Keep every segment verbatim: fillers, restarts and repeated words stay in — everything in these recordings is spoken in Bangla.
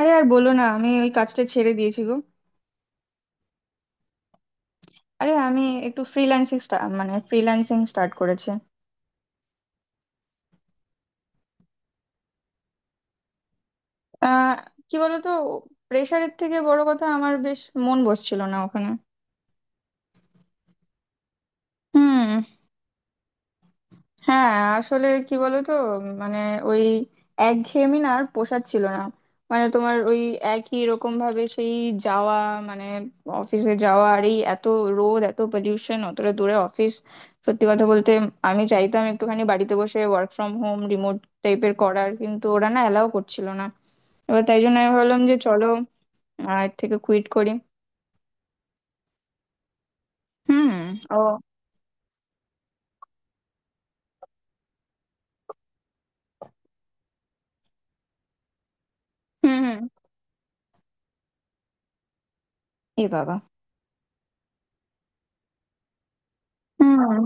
আরে আর বলো না, আমি ওই কাজটা ছেড়ে দিয়েছি গো। আরে আমি একটু ফ্রিল্যান্সিং, মানে ফ্রিল্যান্সিং স্টার্ট করেছি। আহ কি বলতো, প্রেশারের থেকে বড় কথা আমার বেশ মন বসছিল না ওখানে। হুম। হ্যাঁ। আসলে কি বলতো, মানে, ওই একঘেয়েমি না আর পোষাচ্ছিল না। মানে তোমার ওই একই রকম ভাবে সেই যাওয়া, মানে অফিসে যাওয়া, আর এই এত রোদ, এত পলিউশন, অতটা দূরে অফিস। সত্যি কথা বলতে আমি চাইতাম একটুখানি বাড়িতে বসে ওয়ার্ক ফ্রম হোম, রিমোট টাইপের করার, কিন্তু ওরা না অ্যালাউ করছিল না। এবার তাই জন্য আমি ভাবলাম যে চলো আর এর থেকে কুইট করি। হুম। ও। হুম হুম। এ বাবা। হুম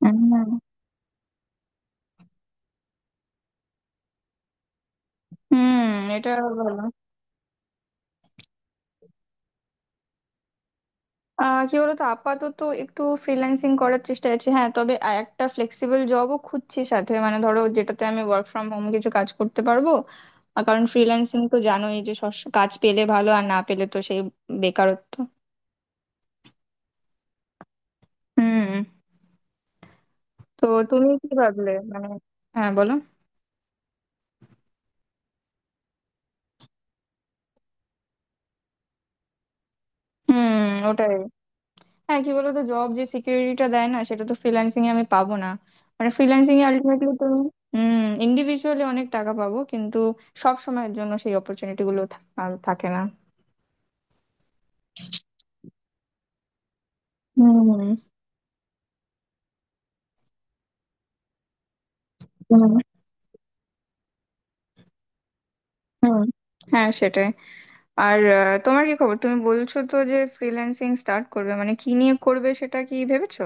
হুম হুম। এটা ভালো। আহ কি বলতো, আপাতত একটু ফ্রিল্যান্সিং করার চেষ্টা আছে, হ্যাঁ। তবে আ- একটা ফ্লেক্সিবল জবও খুঁজছি সাথে, মানে ধরো যেটাতে আমি ওয়ার্ক ফ্রম হোম কিছু কাজ করতে পারবো। আর কারণ ফ্রিল্যান্সিং তো জানোই যে সস- কাজ পেলে ভালো, আর না পেলে তো সেই বেকারত্ব। হুম। তো তুমি কি ভাবলে, মানে, হ্যাঁ বলো। হুম ওটাই। হ্যাঁ কি বলতো, জব যে সিকিউরিটিটা দেয় না, সেটা তো ফ্রিল্যান্সিং এ আমি পাবো না। মানে ফ্রিল্যান্সিং এ আলটিমেটলি তুমি, হুম, ইন্ডিভিজুয়ালি অনেক টাকা পাবো, কিন্তু সব সময়ের জন্য সেই অপরচুনিটি গুলো থা- আর থাকে না। হুম হুম হুম। হ্যাঁ সেটাই। আর আহ, তোমার কি খবর? তুমি বলছো তো যে ফ্রিল্যান্সিং স্টার্ট করবে, মানে কি নিয়ে করবে সেটা কি ভেবেছো?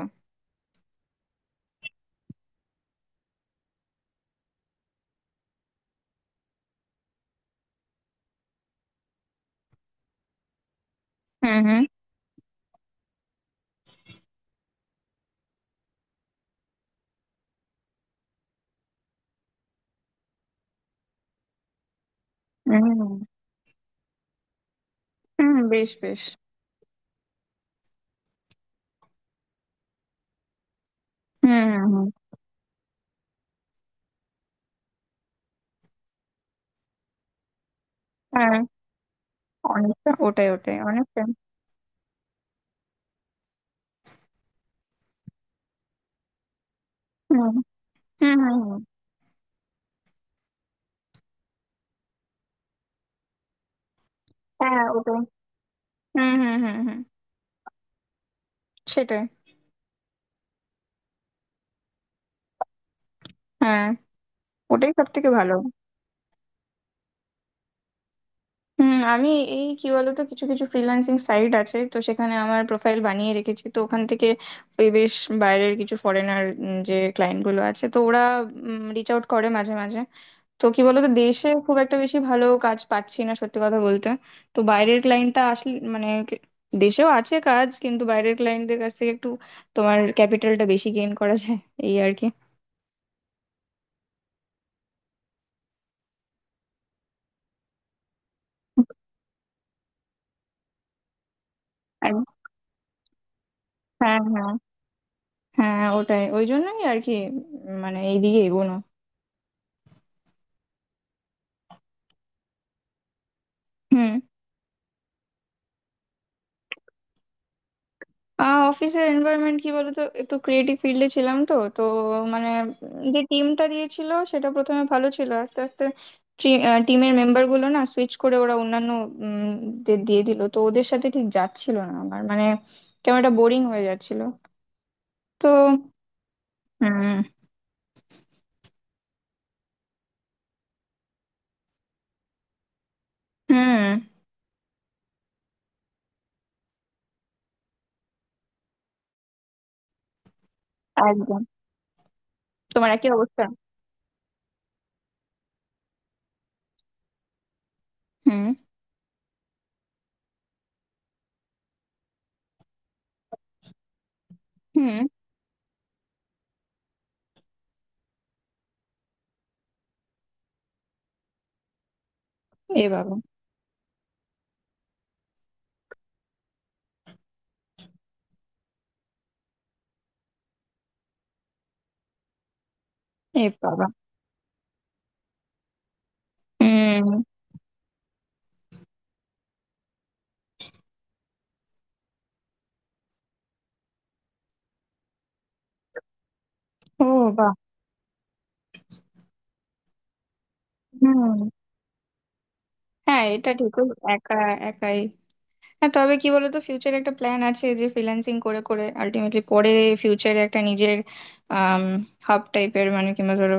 হুম হুম হুম। হুম বেশ বেশ। হুম হুম হুম। হ্যাঁ অনেকটা ওটাই, ওটাই অনেকটা। হুম হুম হুম হুম। হ্যাঁ ওটাই। হুম হুম হুম হুম। সেটাই। হ্যাঁ ওটাই সব থেকে ভালো। হুম আমি, এই কি বলতো, কিছু কিছু ফ্রিল্যান্সিং সাইট আছে তো সেখানে আমার প্রোফাইল বানিয়ে রেখেছি, তো ওখান থেকে ওই বেশ বাইরের কিছু ফরেনার, যে ক্লায়েন্ট গুলো আছে তো ওরা রিচ আউট করে মাঝে মাঝে। তো কি বলতো দেশে খুব একটা বেশি ভালো কাজ পাচ্ছি না সত্যি কথা বলতে। তো বাইরের ক্লায়েন্টটা আসলে, মানে, দেশেও আছে কাজ কিন্তু বাইরের ক্লায়েন্টদের কাছ থেকে একটু তোমার ক্যাপিটালটা বেশি গেইন করা যায়, এই আর কি। আর হ্যাঁ হ্যাঁ হ্যাঁ। ওটাই ওই জন্যই আর কি, মানে এইদিকে এগোনো। হুম। আহ অফিসের এনভায়রনমেন্ট কি বলতো, একটু ক্রিয়েটিভ ফিল্ডে ছিলাম তো তো মানে, উম যে টিমটা দিয়েছিল সেটা প্রথমে ভালো ছিল, আস্তে আস্তে টিমের মেম্বার গুলো না সুইচ করে ওরা অন্যান্য উম, দের দিয়ে দিল, তো ওদের সাথে ঠিক যাচ্ছিল না আমার, মানে কেমন একটা বোরিং হয়ে যাচ্ছিল। তো হুম হুম। একদম। তোমার একই অবস্থা। হুম হুম। এ বাবা। এ বাবা। হুম। ও বাবা। হুম। হ্যাঁ এটা ঠিক। ও একা একাই। হ্যাঁ তবে কি বলতো ফিউচারে একটা প্ল্যান আছে যে ফ্রিল্যান্সিং করে করে আলটিমেটলি পরে ফিউচারে একটা নিজের হাব টাইপের, মানে, কিংবা ধরো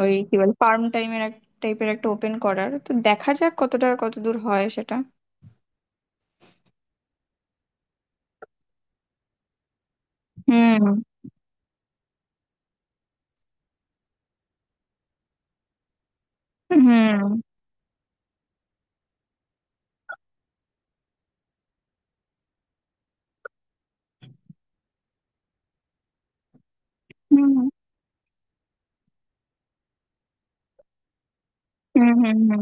ওই কি বলে ফার্ম টাইমের এক টাইপের একটা ওপেন করার। তো দেখা যাক কতটা কতদূর হয় সেটা। হুম হুম হুম হুম হুম হুম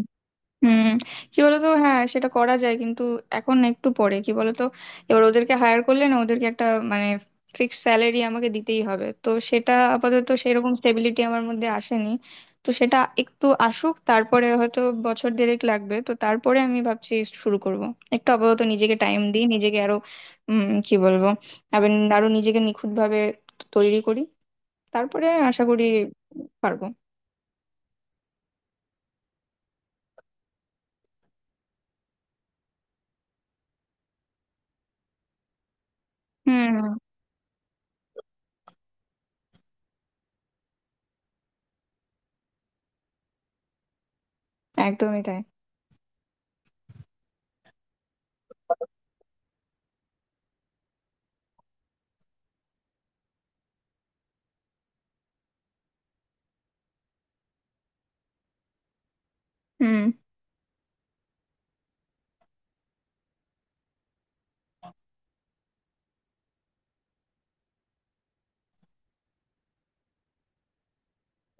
হুম। কি বলতো, হ্যাঁ সেটা করা যায় কিন্তু এখন না, একটু পরে। কি বলতো এবার ওদেরকে হায়ার করলে না, ওদেরকে একটা, মানে, ফিক্সড স্যালারি আমাকে দিতেই হবে, তো সেটা আপাতত সেরকম স্টেবিলিটি আমার মধ্যে আসেনি। তো সেটা একটু আসুক, তারপরে হয়তো বছর দেড়েক লাগবে, তো তারপরে আমি ভাবছি শুরু করব। একটু আপাতত নিজেকে টাইম দিই, নিজেকে আরো উম কি বলবো, আবার আরো নিজেকে নিখুঁতভাবে তৈরি করি, তারপরে আশা করি পারবো। হুম। একদমই তাই। হুম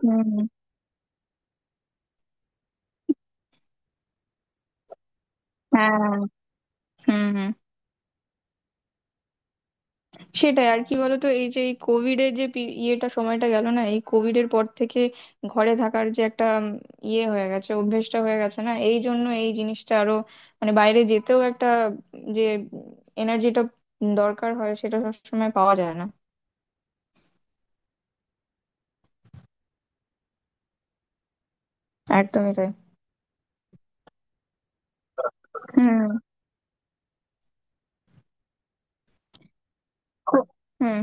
হুম। হ্যাঁ। হুম হুম। সেটাই আর কি বলতো, এই যে এই কোভিড এর যে পি- ইয়েটা সময়টা গেল না, এই কোভিড এর পর থেকে ঘরে থাকার যে একটা উম, ইয়ে হয়ে গেছে, অভ্যেসটা হয়ে গেছে না, এই জন্য এই জিনিসটা আরো, মানে বাইরে যেতেও একটা উম, যে এনার্জিটা দরকার হয়, সেটা সবসময় পাওয়া যায় না। একদমই তাই। হুম। খুব- হুম।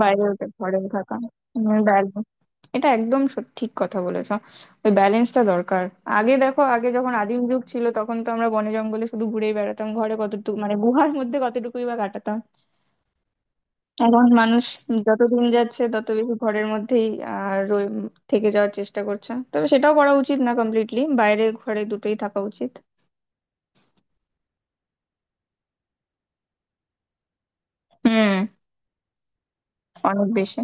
বাইরেও ঘরেও থাকা। হুম, বাইরে। এটা একদম সত- ঠিক কথা বলেছো। ওই ব্যালেন্সটা দরকার। আগে দেখো, আগে যখন আদিম যুগ ছিল তখন তো আমরা বনে জঙ্গলে শুধু ঘুরেই বেড়াতাম, ঘরে কতটুকু, মানে গুহার মধ্যে কতটুকুই বা কাটাতাম। এখন মানুষ যত দিন যাচ্ছে তত বেশি ঘরের মধ্যেই আর থেকে যাওয়ার চেষ্টা করছে, তবে সেটাও করা উচিত না, কমপ্লিটলি বাইরে ঘরে দুটোই থাকা উচিত। হুম। অনেক বেশি।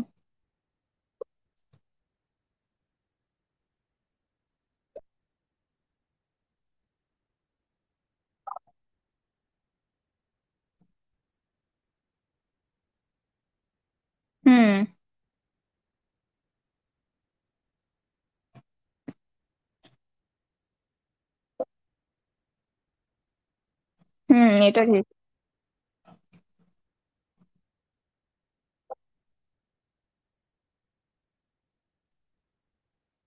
হুম হুম এটা ঠিক।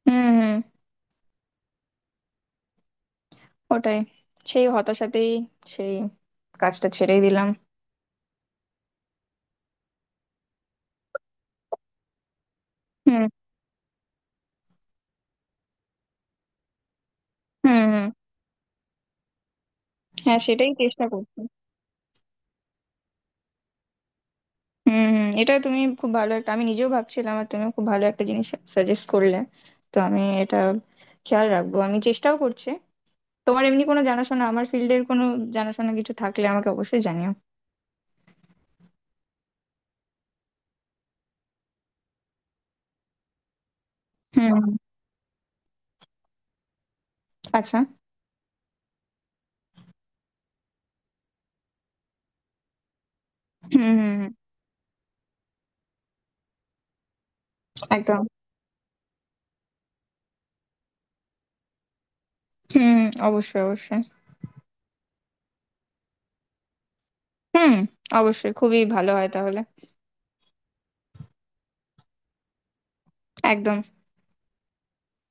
হুম হুম। ওটাই, সেই হতাশাতেই সেই কাজটা ছেড়েই দিলাম। হুম হুম হুম। হ্যাঁ সেটাই চেষ্টা করছি। হুম হুম। এটা তুমি খুব ভালো একটা, আমি নিজেও ভাবছিলাম, আর তুমি খুব ভালো একটা জিনিস সাজেস্ট করলে, তো আমি এটা খেয়াল রাখবো, আমি চেষ্টাও করছি। তোমার এমনি কোনো জানাশোনা আমার ফিল্ডের, কোনো জানাশোনা কিছু থাকলে আমাকে অবশ্যই জানিও। হুম। আচ্ছা। হুম হুম হুম, একদম। হুম। অবশ্যই, অবশ্যই। হুম। অবশ্যই খুবই ভালো হয় তাহলে। একদম।